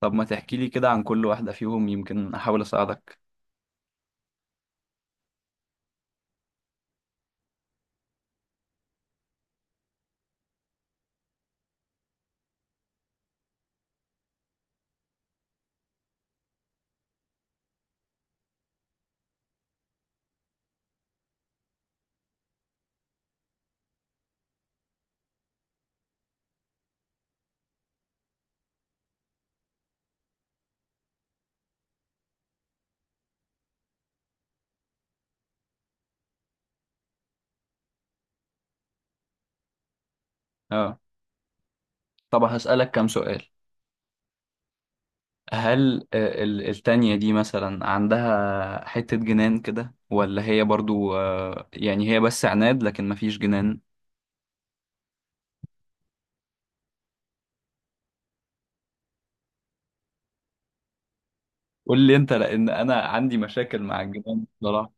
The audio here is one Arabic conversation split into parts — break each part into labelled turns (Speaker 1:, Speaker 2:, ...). Speaker 1: طب ما تحكي لي كده عن كل واحدة فيهم، يمكن أحاول أساعدك. اه، طب هسألك كام سؤال. هل التانية دي مثلا عندها حتة جنان كده، ولا هي برضو يعني هي بس عناد لكن مفيش جنان؟ قول لي انت، لأن أنا عندي مشاكل مع الجنان بصراحة.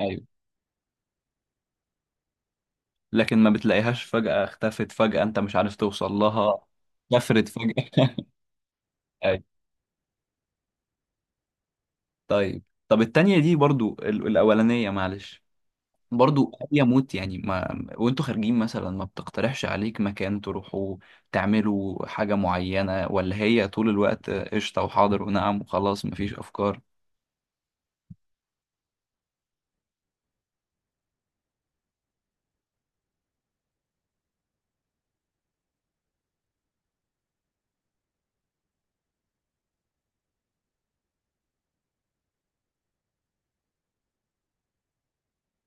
Speaker 1: أيوه، لكن ما بتلاقيهاش، فجأة اختفت، فجأة انت مش عارف توصل لها، كفرت فجأة. أيوه. طيب، طب التانية دي برضو، الأولانية معلش، برضو أبي أموت يعني، ما وأنتوا خارجين مثلا ما بتقترحش عليك مكان تروحوا تعملوا حاجة معينة، ولا هي طول الوقت قشطة وحاضر ونعم وخلاص مفيش أفكار؟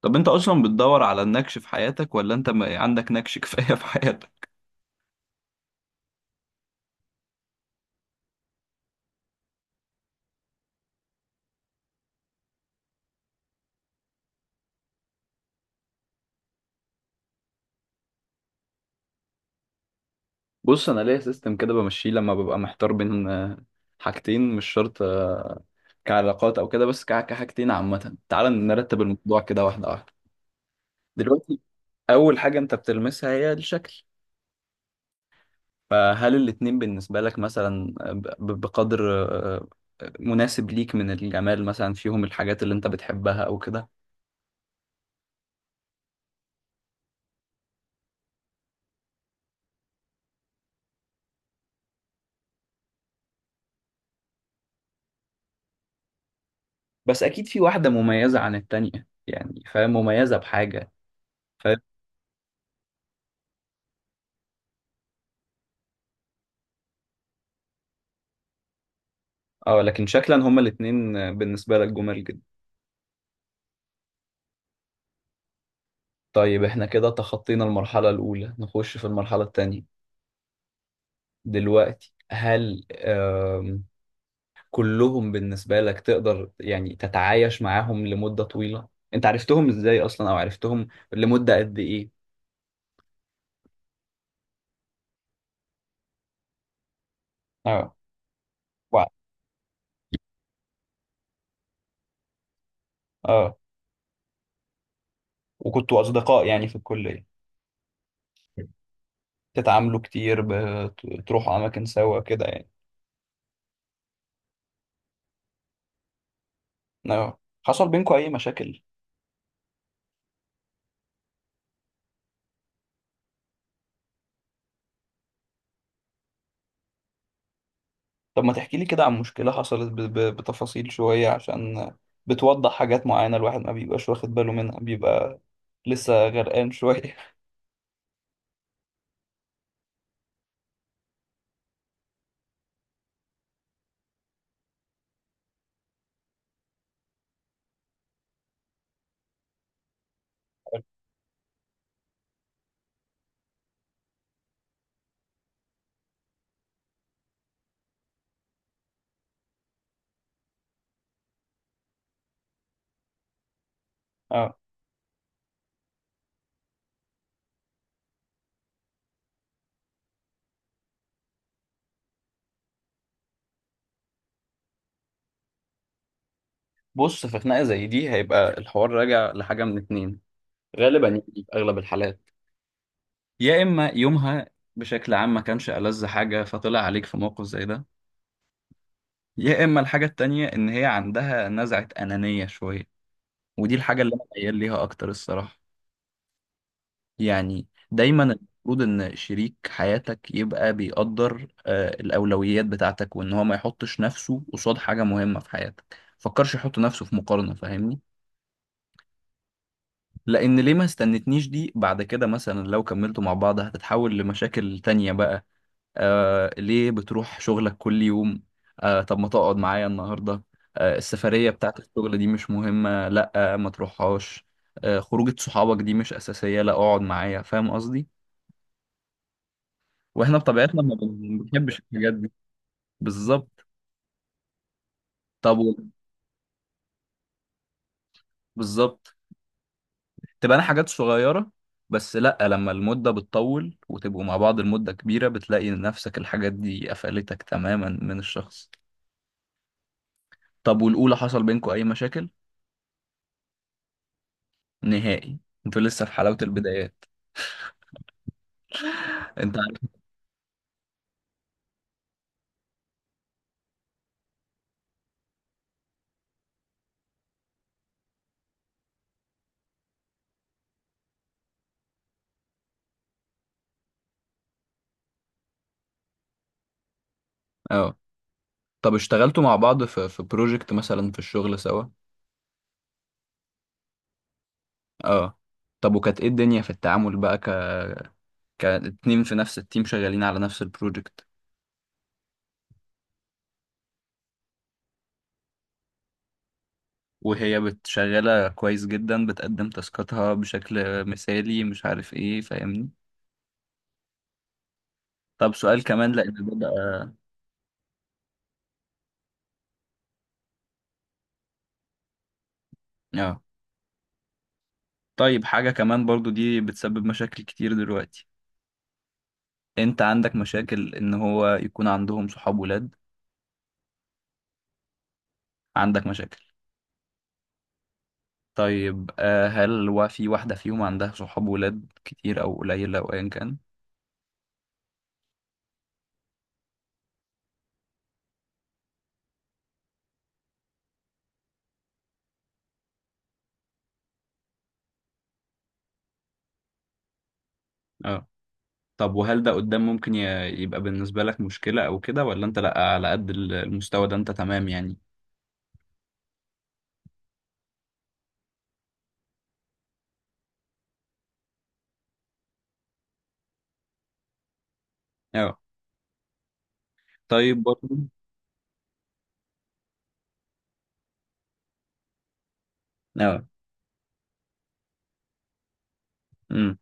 Speaker 1: طب أنت أصلا بتدور على النكش في حياتك، ولا أنت ما عندك نكش كفاية في حياتك؟ بص، انا ليا سيستم كده بمشيه لما ببقى محتار بين حاجتين، مش شرط كعلاقات او كده، بس كحاجتين عامه. تعال نرتب الموضوع كده واحده واحده. دلوقتي اول حاجه انت بتلمسها هي الشكل، فهل الاتنين بالنسبة لك مثلا بقدر مناسب ليك من الجمال، مثلا فيهم الحاجات اللي انت بتحبها او كده؟ بس اكيد في واحدة مميزة عن التانية يعني، فاهم؟ مميزة بحاجة، فاهم؟ اه، لكن شكلا هما الاتنين بالنسبة لك جمال جدا؟ طيب، احنا كده تخطينا المرحلة الأولى، نخش في المرحلة التانية. دلوقتي هل كلهم بالنسبة لك تقدر يعني تتعايش معاهم لمدة طويلة؟ انت عرفتهم ازاي اصلا، او عرفتهم لمدة قد ايه؟ اه. و- اه، وكنتوا اصدقاء يعني في الكليه؟ تتعاملوا كتير، بتروحوا اماكن سوا كده يعني؟ اه، حصل بينكم اي مشاكل؟ طب ما تحكي لي كده عن مشكله حصلت بتفاصيل شويه، عشان بتوضح حاجات معينه الواحد ما بيبقاش واخد باله منها، بيبقى لسه غرقان شويه. اه. بص، في خناقه زي دي هيبقى الحوار راجع لحاجه من اتنين غالبا، يعني في اغلب الحالات. يا اما يومها بشكل عام ما كانش ألذ حاجه، فطلع عليك في موقف زي ده. يا اما الحاجه التانية ان هي عندها نزعه انانيه شويه، ودي الحاجه اللي انا ميال ليها اكتر الصراحه. يعني دايما المفروض ان شريك حياتك يبقى بيقدر الاولويات بتاعتك، وان هو ما يحطش نفسه قصاد حاجه مهمه في حياتك، فكرش يحط نفسه في مقارنه، فاهمني؟ لان ليه ما استنتنيش دي، بعد كده مثلا لو كملتوا مع بعض هتتحول لمشاكل تانية بقى. آه ليه بتروح شغلك كل يوم، آه طب ما تقعد معايا النهارده، آه السفرية بتاعت الشغل دي مش مهمة لا آه ما تروحهاش، آه خروجة صحابك دي مش أساسية لا اقعد معايا، فاهم قصدي؟ واحنا بطبيعتنا ما بنحبش الحاجات دي. بالظبط. طب و-. بالظبط، تبقى انا حاجات صغيرة، بس لا، لما المدة بتطول وتبقوا مع بعض المدة كبيرة بتلاقي نفسك الحاجات دي قفلتك تماما من الشخص. طب والأولى حصل بينكم أي مشاكل؟ نهائي؟ انتوا لسه في حلاوة البدايات، انت عارف. اه. طب اشتغلتوا مع بعض في في بروجكت مثلا في الشغل سوا؟ اه، طب وكانت ايه الدنيا في التعامل بقى، ك كاتنين في نفس التيم شغالين على نفس البروجكت؟ وهي بتشغلة كويس جدا، بتقدم تاسكاتها بشكل مثالي، مش عارف ايه، فاهمني؟ طب سؤال كمان، لان ده بقى. اه، طيب حاجة كمان برضو دي بتسبب مشاكل كتير دلوقتي، انت عندك مشاكل ان هو يكون عندهم صحاب ولاد؟ عندك مشاكل؟ طيب هل هو في واحدة فيهم عندها صحاب ولاد كتير أو قليلة أو أيا كان؟ اه، طب وهل ده قدام ممكن يبقى بالنسبة لك مشكلة أو كده، ولا أنت لأ على قد المستوى ده أنت تمام يعني؟ اه. طيب برضه. اه. امم.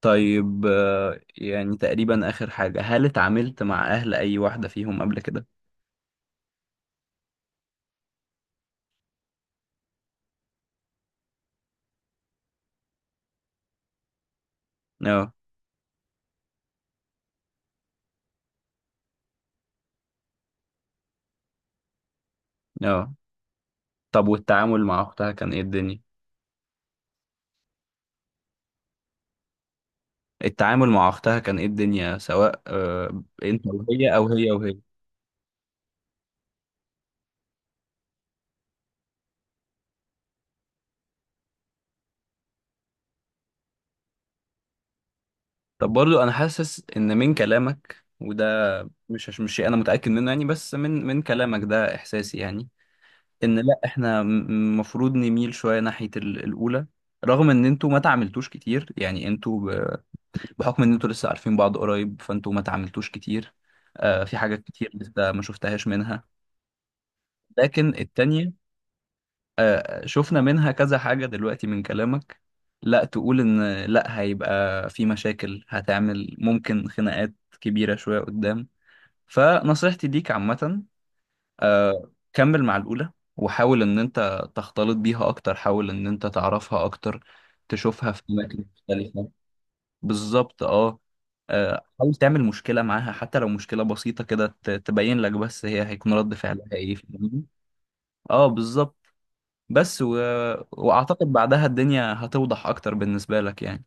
Speaker 1: طيب يعني تقريبا آخر حاجة، هل اتعاملت مع أهل أي واحدة فيهم قبل كده؟ اه. اه، طب والتعامل مع أختها كان إيه الدنيا؟ التعامل مع أختها كان إيه الدنيا، سواء أنت وهي أو هي وهي؟ طب برضو انا حاسس ان من كلامك وده، مش شيء انا متاكد منه يعني، بس من كلامك ده احساسي يعني، ان لا، احنا المفروض نميل شويه ناحيه الاولى. رغم ان انتوا ما تعاملتوش كتير يعني، انتوا بحكم ان انتوا لسه عارفين بعض قريب فانتوا ما تعاملتوش كتير، آه في حاجات كتير لسه ما شفتهاش منها. لكن التانية شفنا منها كذا حاجة دلوقتي من كلامك، لا تقول إن لا، هيبقى في مشاكل، هتعمل ممكن خناقات كبيرة شوية قدام. فنصيحتي ليك عامة كمل مع الأولى، وحاول إن أنت تختلط بيها أكتر، حاول إن أنت تعرفها أكتر، تشوفها في أماكن مختلفة. بالظبط، أه. حاول تعمل مشكلة معاها، حتى لو مشكلة بسيطة كده، تبين لك بس هي هيكون رد فعلها إيه في. اه، بالظبط. بس و... واعتقد بعدها الدنيا هتوضح اكتر بالنسبة لك يعني.